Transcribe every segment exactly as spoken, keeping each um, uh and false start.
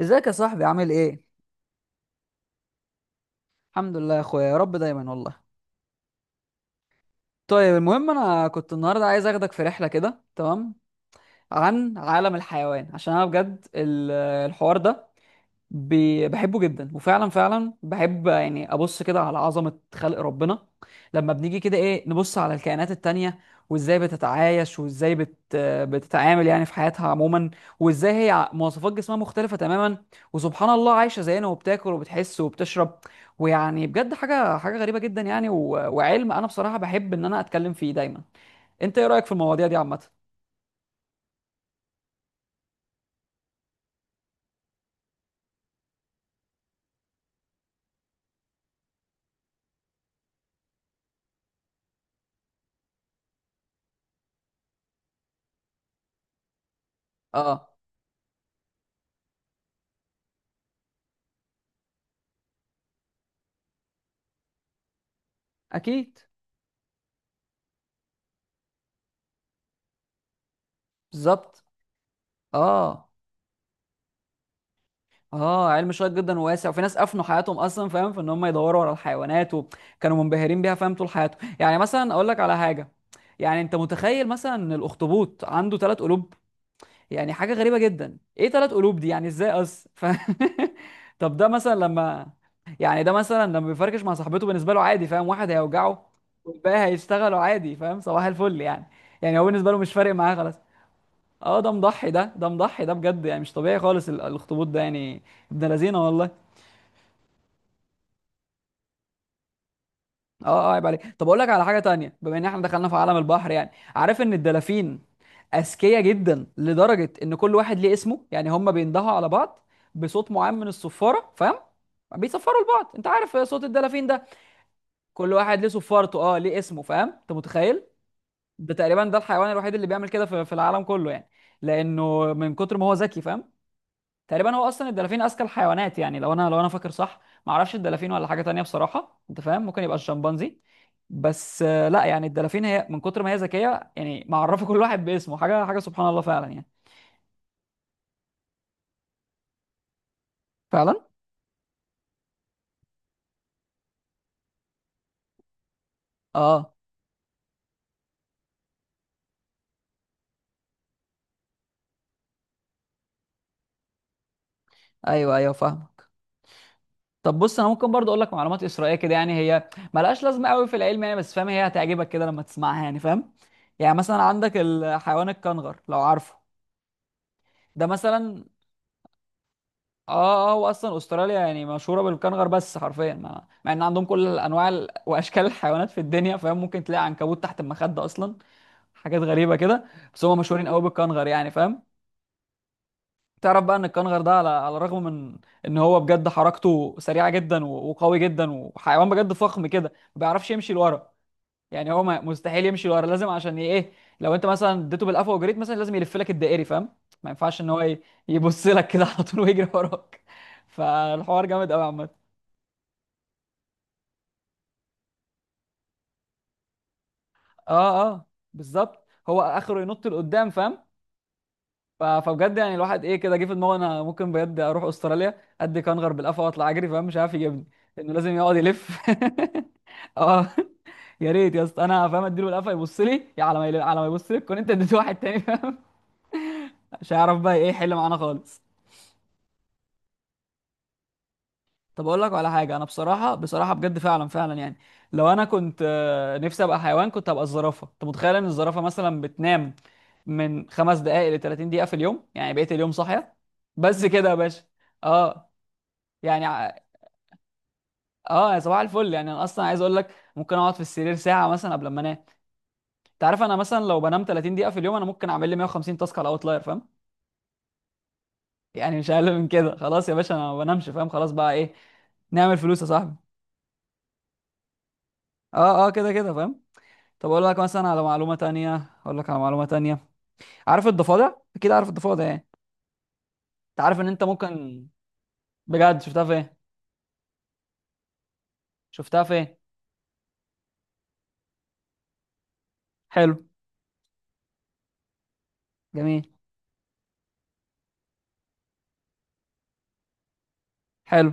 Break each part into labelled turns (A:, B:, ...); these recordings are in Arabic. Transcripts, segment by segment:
A: ازيك يا صاحبي، عامل ايه؟ الحمد لله يا اخويا، يا رب دايما والله. طيب، المهم انا كنت النهارده عايز اخدك في رحله كده، تمام؟ عن عالم الحيوان، عشان انا بجد ال- الحوار ده ب- بحبه جدا، وفعلا فعلا بحب يعني ابص كده على عظمة خلق ربنا. لما بنيجي كده، ايه، نبص على الكائنات التانية، وازاي بتتعايش وازاي بت بتتعامل يعني في حياتها عموما. وازاي هي ع- مواصفات جسمها مختلفة تماما، وسبحان الله عايشة زينا وبتاكل وبتحس وبتشرب، ويعني بجد حاجة حاجة غريبة جدا يعني و... وعلم انا بصراحة بحب ان انا اتكلم فيه دايما. انت ايه رأيك في المواضيع دي عامة؟ اه. اكيد. بالظبط. اه، اه، علم شيق جدا وواسع، وفي ناس افنوا حياتهم اصلا، فاهم؟ في ان هم يدوروا على الحيوانات، وكانوا منبهرين بيها فاهم طول حياتهم. يعني مثلا اقول لك على حاجه. يعني انت متخيل مثلا ان الاخطبوط عنده ثلاث قلوب؟ يعني حاجه غريبه جدا، ايه ثلاث قلوب دي؟ يعني ازاي اصلا؟ ف... طب ده مثلا لما يعني ده مثلا لما بيفركش مع صاحبته، بالنسبه له عادي، فاهم؟ واحد هيوجعه والباقي هيشتغلوا عادي، فاهم؟ صباح الفل يعني. يعني هو بالنسبه له مش فارق معاه خلاص. اه، ده مضحي ده ده مضحي ده بجد، يعني مش طبيعي خالص ال- الاخطبوط ده يعني. ابن لذينه والله. اه، اه، عيب عليك. طب اقول لك على حاجه تانية، بما ان احنا دخلنا في عالم البحر يعني. عارف ان الدلافين اذكياء جدا، لدرجه ان كل واحد ليه اسمه، يعني هم بيندهوا على بعض بصوت معين من الصفاره، فاهم؟ بيصفروا لبعض، انت عارف صوت الدلافين ده. كل واحد ليه صفارته، اه، ليه اسمه، فاهم؟ انت متخيل؟ ده تقريبا ده الحيوان الوحيد اللي بيعمل كده في في العالم كله يعني. لانه من كتر ما هو ذكي، فاهم؟ تقريبا هو اصلا الدلافين اذكى الحيوانات، يعني لو انا لو انا فاكر صح. ما اعرفش الدلافين ولا حاجه تانية بصراحه، انت فاهم، ممكن يبقى الشمبانزي. بس آه، لا يعني، الدلافين هي من كتر ما هي ذكيه، يعني معرفه كل واحد باسمه، حاجه حاجه، سبحان الله فعلا يعني. فعلا. اه. ايوه، ايوه، فاهمك. طب بص، انا ممكن برضو اقول لك معلومات اسرائيليه كده، يعني هي ملهاش لازمه قوي في العلم يعني، بس فاهم هي هتعجبك كده لما تسمعها يعني، فاهم؟ يعني مثلا عندك الحيوان الكنغر، لو عارفه. ده مثلا. اه، اه، هو اصلا استراليا يعني مشهوره بالكنغر، بس حرفيا مع, مع ان عندهم كل الانواع ال- واشكال الحيوانات في الدنيا، فاهم؟ ممكن تلاقي عنكبوت تحت المخده اصلا. حاجات غريبه كده. بس هم مشهورين قوي بالكنغر، يعني فاهم؟ تعرف بقى ان الكنغر ده، على على الرغم من ان هو بجد حركته سريعه جدا و- وقوي جدا وحيوان بجد فخم كده، ما بيعرفش يمشي لورا. يعني هو ما- مستحيل يمشي ورا، لازم عشان ي- ايه، لو انت مثلا اديته بالقفا وجريت مثلا لازم يلف لك الدائري، فاهم؟ ما ينفعش ان هو ي- يبص لك كده على طول ويجري وراك. فالحوار جامد قوي عامه. اه، اه، بالظبط. هو اخره ينط لقدام، فاهم؟ ف- فبجد، يعني الواحد ايه، كده جه في دماغه انا ممكن بجد اروح استراليا ادي كنغر بالقفا واطلع اجري، فاهم؟ مش عارف يجيبني، لانه لازم يقعد يلف. اه، يا ريت يا اسطى، انا فاهم اديله بالقفا يبص لي، يا على ما يل- على ما يبص لك كنت انت اديت واحد تاني، فاهم؟ مش هيعرف بقى ايه يحل معانا خالص. طب اقول لك على حاجه، انا بصراحه بصراحه بجد فعلا فعلا يعني، لو انا كنت آه، نفسي ابقى حيوان كنت ابقى الزرافه. انت متخيل ان الزرافه مثلا بتنام من خمس دقائق ل 30 دقيقه في اليوم؟ يعني بقيت اليوم صاحيه. بس كده يا باشا. اه، يعني ع- اه، يا صباح الفل يعني. انا اصلا عايز اقول لك، ممكن اقعد في السرير ساعه مثلا قبل ما انام. انت عارف انا مثلا لو بنام ثلاثين دقيقه في اليوم، انا ممكن اعمل لي مية وخمسين تاسك على اوتلاير، فاهم؟ يعني مش اقل من كده. خلاص يا باشا، انا ما بنامش، فاهم؟ خلاص بقى، ايه، نعمل فلوس يا صاحبي. اه، اه، كده كده، فاهم؟ طب اقول لك مثلا على معلومه تانية، اقول لك على معلومه تانية. عارف الضفادع؟ اكيد عارف الضفادع يعني. انت عارف ان انت ممكن، بجد شفتها فين شفتها فين حلو. جميل. حلو.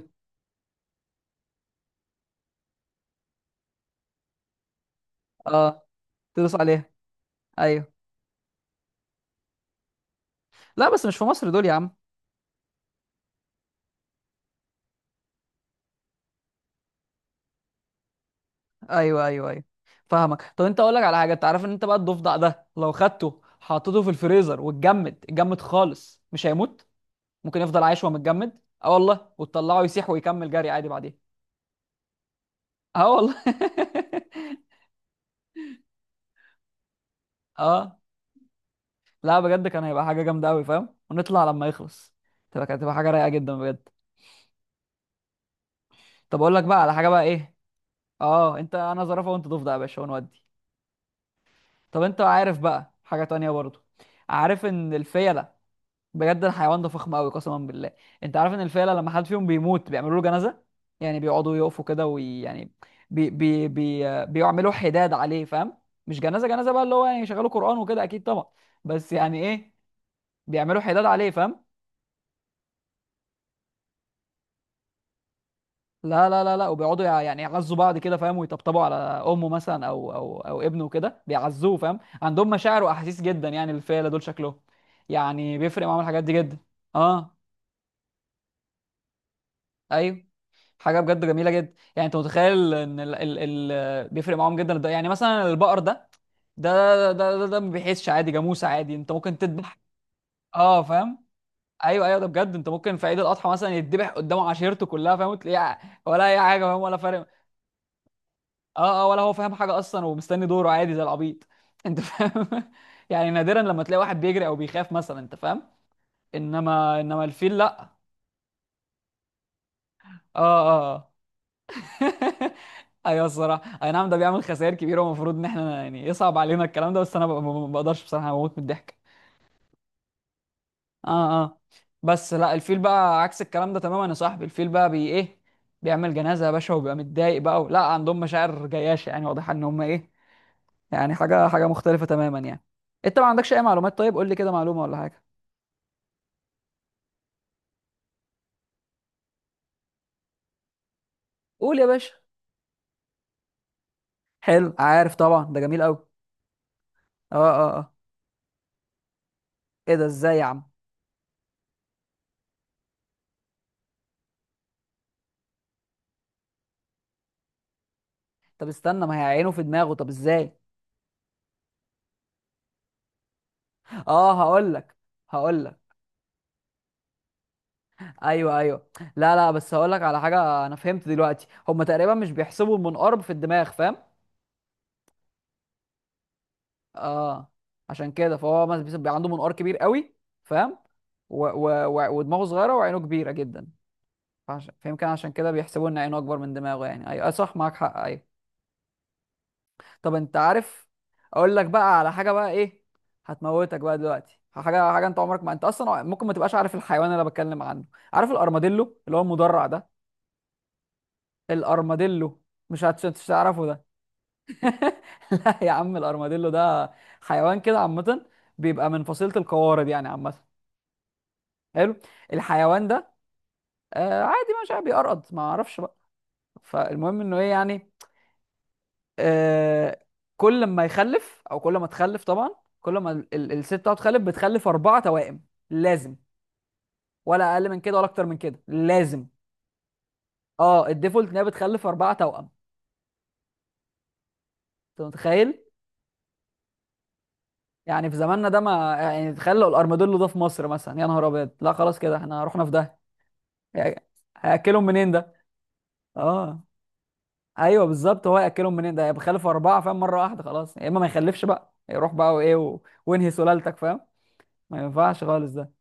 A: اه، تدوس عليها. ايوه. لا، بس مش في مصر دول يا عم. ايوه، ايوه، ايوه، فاهمك. طب انت، اقول لك على حاجه، انت عارف ان انت بقى، الضفدع ده لو خدته حطيته في الفريزر واتجمد اتجمد خالص مش هيموت. ممكن يفضل عايش وهو متجمد، اه والله، وتطلعه يسيح ويكمل جري عادي بعدين. اه والله. اه، لا بجد كان هيبقى حاجه جامده قوي، فاهم؟ ونطلع لما يخلص، تبقى كانت تبقى حاجه رايقه جدا بجد. طب اقول لك بقى على حاجه بقى، ايه؟ اه، انت انا زرافه وانت ضفدع يا باشا، ونودي. طب انت عارف بقى حاجه تانية برضو، عارف ان الفيله، بجد الحيوان ده فخم قوي قسما بالله. انت عارف ان الفيله لما حد فيهم بيموت بيعملوا له جنازه. يعني بيقعدوا يقفوا كده ويعني بي بي بي بيعملوا حداد عليه، فاهم؟ مش جنازه جنازه بقى اللي هو يعني يشغلوا قران وكده، اكيد طبعا. بس يعني ايه، بيعملوا حداد عليه، فاهم؟ لا، لا، لا، لا، وبيقعدوا يع- يعني يعزوا بعض كده، فاهم؟ ويطبطبوا على امه مثلا، او او او ابنه كده بيعزوه، فاهم؟ عندهم مشاعر واحاسيس جدا يعني، الفيله دول شكلهم يعني بيفرق معاهم الحاجات دي جدا. اه. ايوه. حاجه بجد جميله جدا يعني. انت متخيل ان ال ال ال بيفرق معاهم جدا الد- يعني مثلا البقر ده، ده، ده ده, ده ما بيحسش عادي، جاموسه عادي، انت ممكن تذبح. اه، فاهم؟ ايوه، ايوه، ده بجد، انت ممكن في عيد الاضحى مثلا يتذبح قدامه عشيرته كلها، فاهم؟ وتلاقيه ولا اي حاجه، فاهم؟ ولا فارق. اه، اه، ولا هو فاهم حاجه اصلا، ومستني دوره عادي زي العبيط، انت فاهم؟ يعني نادرا لما تلاقي واحد بيجري او بيخاف مثلا، انت فاهم؟ انما انما الفيل لا. اه، اه. ايوه الصراحه، اي نعم، ده بيعمل خسائر كبيره، والمفروض ان احنا يعني يصعب علينا الكلام ده، بس انا ب- ما بقدرش بصراحه، اموت من الضحك. اه، اه. بس لا، الفيل بقى عكس الكلام ده تماما يا صاحبي. الفيل بقى بي ايه، بيعمل جنازه يا باشا، وبيبقى متضايق بقى. لا، عندهم مشاعر جياشه، يعني واضحه ان هم ايه، يعني حاجه حاجه مختلفه تماما يعني. انت ما عندكش اي معلومات؟ طيب قول لي كده معلومه ولا حاجه. قول يا باشا. حلو، عارف طبعا، ده جميل قوي. اه، اه، اه. ايه ده؟ ازاي يا عم؟ طب استنى، ما هي عينه في دماغه، طب ازاي؟ اه هقول لك هقول لك ايوه، ايوه. لا، لا، بس هقول لك على حاجه، انا فهمت دلوقتي هم تقريبا مش بيحسبوا المنقار في الدماغ، فاهم؟ اه، عشان كده فهو مثلا بيبقى عنده منقار كبير قوي، فاهم؟ و... و... و... ودماغه صغيره وعينه كبيره جدا. فعش... فيمكن عشان كده بيحسبوا ان عينه اكبر من دماغه. يعني ايوه، أيوة، صح، معاك حق، ايوه. طب انت عارف، اقول لك بقى على حاجه بقى ايه، هتموتك بقى دلوقتي. حاجه حاجه، انت عمرك ما، انت اصلا ممكن ما تبقاش عارف الحيوان اللي أنا بتكلم عنه. عارف الارماديلو، اللي هو المدرع ده؟ الارماديلو، مش هت- مش هتعرفه ده. لا يا عم، الارماديلو ده حيوان كده عامه، بيبقى من فصيله القوارض يعني عامه. حلو. الحيوان ده، آه، عادي، مش عارف، بيقرقض، ما اعرفش بقى. فالمهم انه ايه يعني، آه، كل ما يخلف، او كل ما تخلف طبعا، كل ما ال- ال- الست بتاعته تخلف بتخلف اربعه توائم، لازم. ولا اقل من كده ولا اكتر من كده، لازم. اه، الديفولت ان هي بتخلف اربعه توأم. انت متخيل؟ يعني في زماننا ده، ما يعني تخيلوا الارماديلو ده في مصر مثلا، يا نهار ابيض، لا خلاص كده احنا رحنا في ده. يعني هياكلهم منين ده؟ اه، ايوه بالظبط، هو هياكلهم منين ده بيخلف اربعه، فاهم؟ مره واحده. خلاص يا اما ما يخلفش بقى، يروح بقى، وايه و... وانهي سلالتك، فاهم؟ ما ينفعش خالص ده.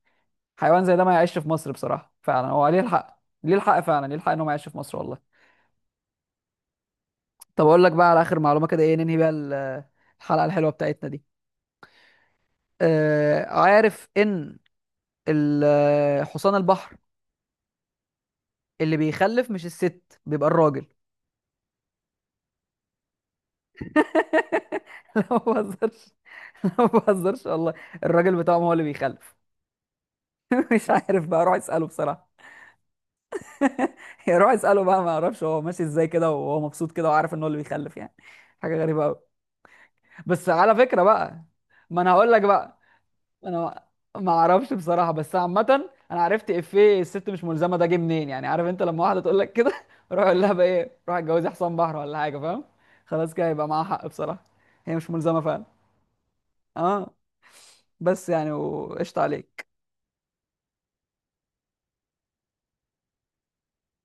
A: حيوان زي ده ما يعيش في مصر بصراحه، فعلا هو ليه الحق، ليه الحق، فعلا ليه الحق ان هو ما يعيش في مصر والله. طب اقول لك بقى على اخر معلومه كده، ايه، ننهي بيها ال- الحلقه الحلوه بتاعتنا دي. آه، عارف ان ال- آه، حصان البحر اللي بيخلف مش الست، بيبقى الراجل. لا ما بهزرش. لا، ما بهزرش والله. الراجل بتاعهم هو اللي بيخلف. مش عارف بقى، روح اساله بصراحه. يا، روح اساله بقى، ما اعرفش هو ماشي ازاي كده وهو مبسوط كده، وعارف ان هو اللي بيخلف يعني. حاجه غريبه قوي. بس على فكره بقى، ما انا هقول لك بقى، انا ما اعرفش بصراحه، بس عامه انا عرفت افيه، الست مش ملزمه، ده جه منين؟ يعني عارف انت لما واحده تقول لك كده، روح اقول لها بقى ايه، روح اتجوزي حصان بحر ولا حاجه، فاهم؟ خلاص كده يبقى معاها حق بصراحه. هي مش ملزمه فعلا. اه. بس يعني وقشطه عليك.